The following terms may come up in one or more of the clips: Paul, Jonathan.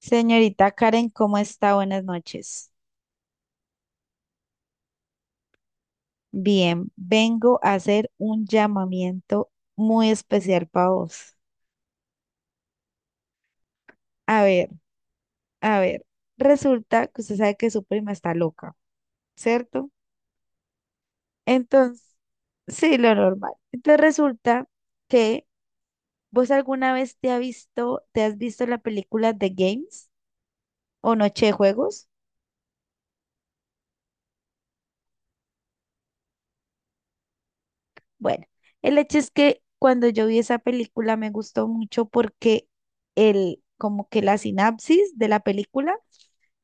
Señorita Karen, ¿cómo está? Buenas noches. Bien, vengo a hacer un llamamiento muy especial para vos. A ver, a ver, resulta que usted sabe que su prima está loca, ¿cierto? Entonces, sí, lo normal. Entonces resulta que vos alguna vez te has visto la película The Games o Noche de Juegos. Bueno, el hecho es que cuando yo vi esa película me gustó mucho porque como que la sinapsis de la película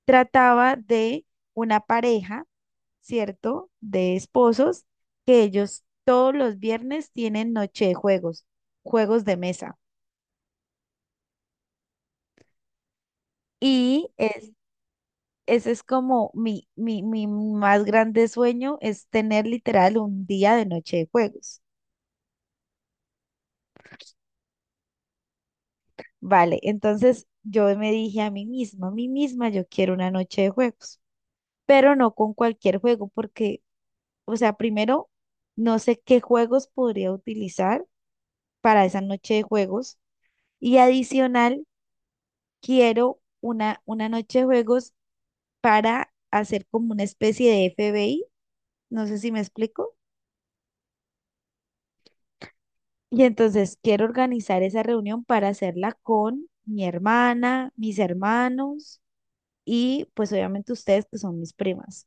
trataba de una pareja, ¿cierto? De esposos que ellos todos los viernes tienen noche de juegos, juegos de mesa. Y es, Ese es como mi más grande sueño, es tener literal un día de noche de juegos. Vale, entonces yo me dije a mí misma, yo quiero una noche de juegos, pero no con cualquier juego, porque, o sea, primero, no sé qué juegos podría utilizar para esa noche de juegos y adicional, quiero una noche de juegos para hacer como una especie de FBI, no sé si me explico. Y entonces quiero organizar esa reunión para hacerla con mi hermana, mis hermanos y pues obviamente ustedes que son mis primas.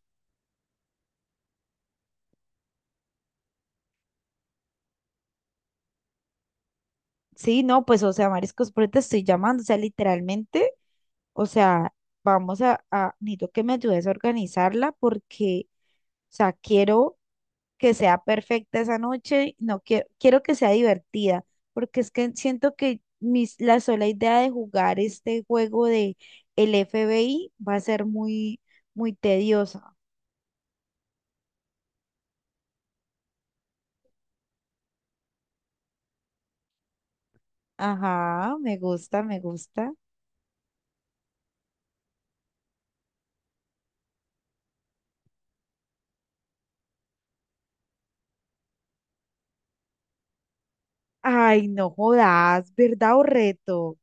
Sí, no, pues, o sea, Mariscos, por eso te estoy llamando, o sea, literalmente, o sea, necesito que me ayudes a organizarla porque, o sea, quiero que sea perfecta esa noche, no quiero, quiero que sea divertida, porque es que siento que la sola idea de jugar este juego de el FBI va a ser muy, muy tediosa. Ajá, me gusta, me gusta. Ay, no jodas, ¿verdad o reto?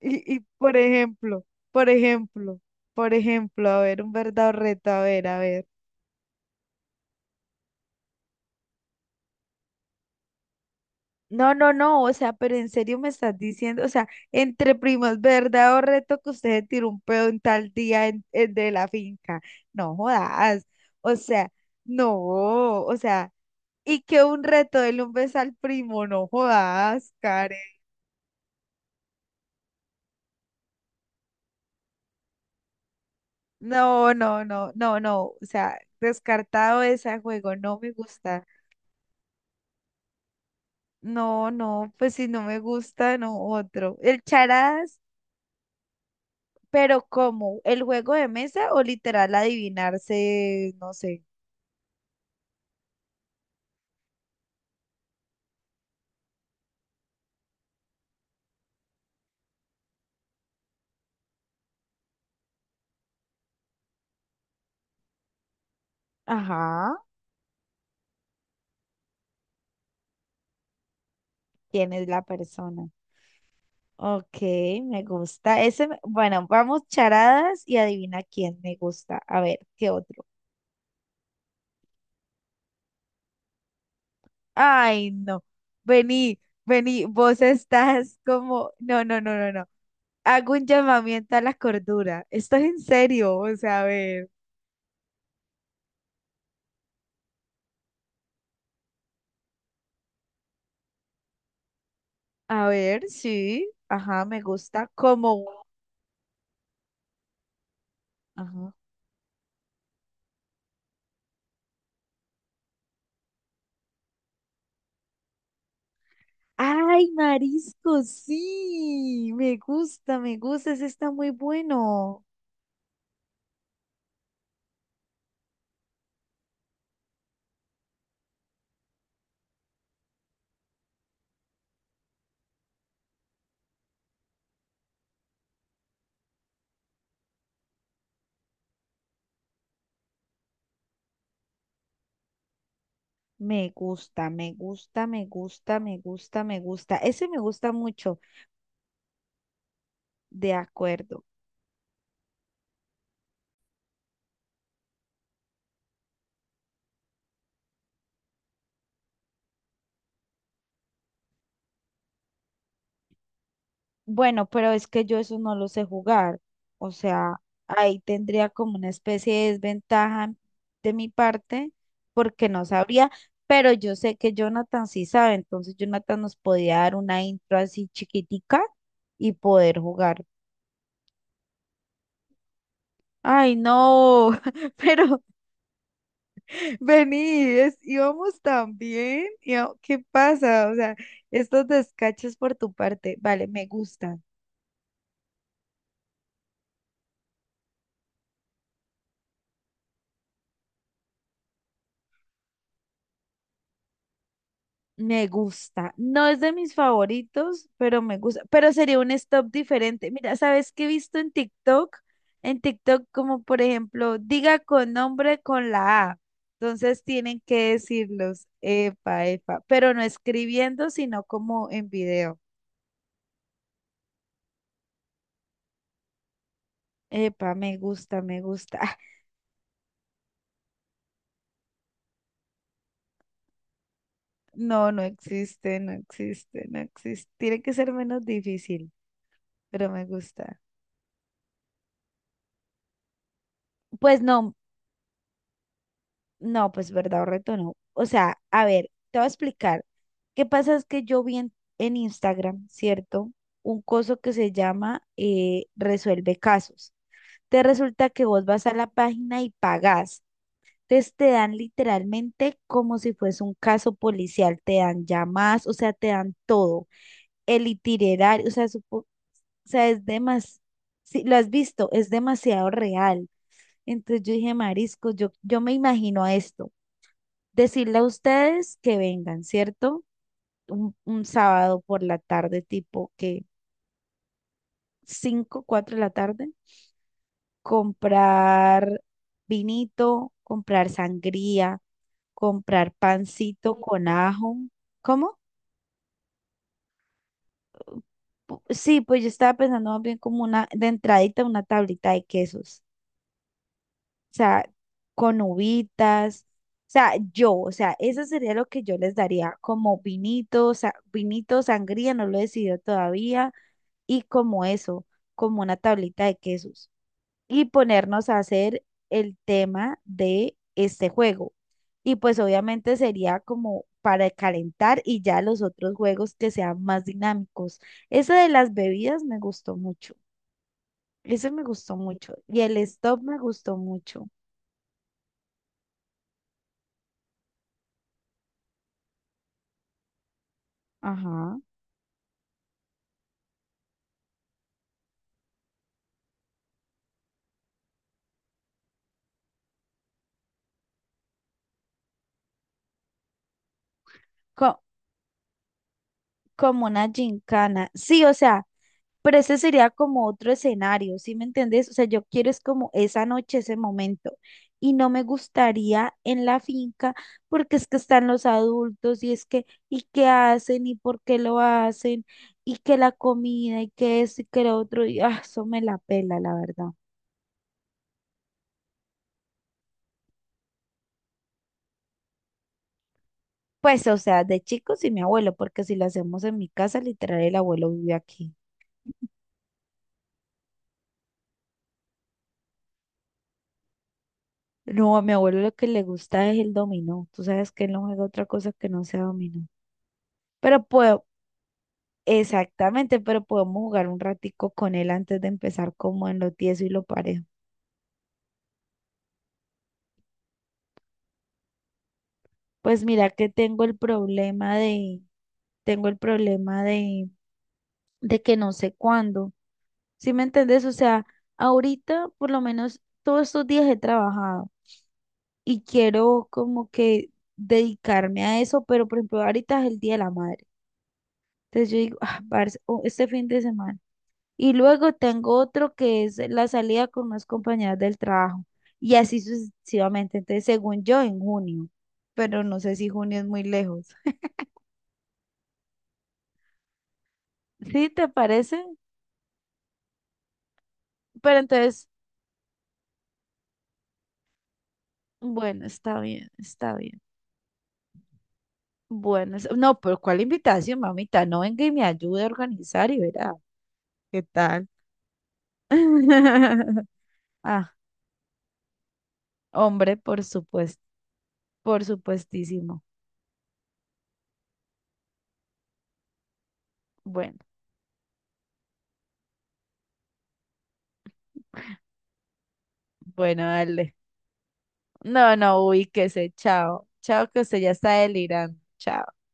Y por ejemplo, por ejemplo, a ver, un verdadero reto, a ver, a ver. No, no, no, o sea, pero en serio me estás diciendo, o sea, entre primos, verdad o reto que usted se tiró un pedo en tal día en, de la finca. No jodas, o sea, no, o sea, y que un reto de un beso al primo, no jodas, Karen. No, no, no, no, no, o sea, descartado ese juego, no me gusta. No, no, pues si no me gusta, no otro. El charadas, pero ¿cómo? ¿El juego de mesa o literal adivinarse, no sé? Ajá, quién es la persona. Ok, me gusta. Bueno, vamos charadas y adivina quién me gusta. A ver, ¿qué otro? Ay, no. Vení, vení, vos estás como, no, no, no, no, no. Hago un llamamiento a la cordura. Esto es en serio, o sea, a ver. A ver, sí, ajá, me gusta como ajá. ¡Ay, marisco! Sí, me gusta, ese está muy bueno. Me gusta, me gusta, me gusta, me gusta, me gusta. Ese me gusta mucho, de acuerdo. Bueno, pero es que yo eso no lo sé jugar. O sea, ahí tendría como una especie de desventaja de mi parte porque no sabría, pero yo sé que Jonathan sí sabe, entonces Jonathan nos podía dar una intro así chiquitica y poder jugar. Ay, no, pero vení, íbamos tan bien. ¿Qué pasa? O sea, estos descachos por tu parte, vale, me gusta. Me gusta. No es de mis favoritos, pero me gusta. Pero sería un stop diferente. Mira, ¿sabes qué he visto en TikTok? En TikTok, como por ejemplo, diga con nombre con la A. Entonces tienen que decirlos, epa, epa, pero no escribiendo, sino como en video. Epa, me gusta, me gusta. No, no existe, no existe, no existe. Tiene que ser menos difícil, pero me gusta. Pues no, no, pues verdad o reto no. O sea, a ver, te voy a explicar. ¿Qué pasa? Es que yo vi en, Instagram, ¿cierto? Un coso que se llama Resuelve Casos. Te resulta que vos vas a la página y pagás. Entonces te dan literalmente como si fuese un caso policial, te dan llamadas, o sea, te dan todo. El itinerario, o sea, o sea, es demasiado, si lo has visto, es demasiado real. Entonces yo dije, Marisco, yo me imagino esto decirle a ustedes que vengan, ¿cierto? Un sábado por la tarde, tipo que 5 4 de la tarde, comprar vinito, comprar sangría, comprar pancito con ajo. ¿Cómo? Sí, pues yo estaba pensando más bien como una, de entradita, una tablita de quesos, o sea, con uvitas, o sea, yo, o sea, eso sería lo que yo les daría, como vinito, o sea, vinito, sangría, no lo he decidido todavía, y como eso, como una tablita de quesos. Y ponernos a hacer el tema de este juego. Y pues obviamente sería como para calentar y ya los otros juegos que sean más dinámicos. Ese de las bebidas me gustó mucho. Ese me gustó mucho. Y el stop me gustó mucho. Ajá. Co- Como una gincana. Sí, o sea, pero ese sería como otro escenario, ¿sí me entendés? O sea, yo quiero es como esa noche, ese momento. Y no me gustaría en la finca porque es que están los adultos y es que, ¿y qué hacen? ¿Y por qué lo hacen? ¿Y que la comida? ¿Y que esto? ¿Y que lo otro? Y ah, eso me la pela, la verdad. Pues, o sea, de chicos y mi abuelo, porque si lo hacemos en mi casa, literal, el abuelo vive aquí. No, a mi abuelo lo que le gusta es el dominó. Tú sabes que él no juega otra cosa que no sea dominó. Pero pues, exactamente, pero podemos jugar un ratico con él antes de empezar como en lo tieso y lo parejo. Pues mira que tengo el problema tengo el problema de, de que no sé cuándo. ¿Sí me entendés? O sea, ahorita por lo menos todos estos días he trabajado y quiero como que dedicarme a eso, pero por ejemplo ahorita es el Día de la Madre. Entonces yo digo, ah, parce, o este fin de semana. Y luego tengo otro que es la salida con unas compañeras del trabajo. Y así sucesivamente. Entonces, según yo, en junio. Pero no sé si junio es muy lejos. ¿Sí te parece? Pero entonces, bueno, está bien, está bien. Bueno, no, pero ¿cuál invitación, mamita? No venga y me ayude a organizar y verá. ¿Qué tal? Ah, hombre, por supuesto, por supuestísimo. Bueno, bueno, dale. No, no, ubíquese, chao. Chao, que usted ya está delirando. Chao.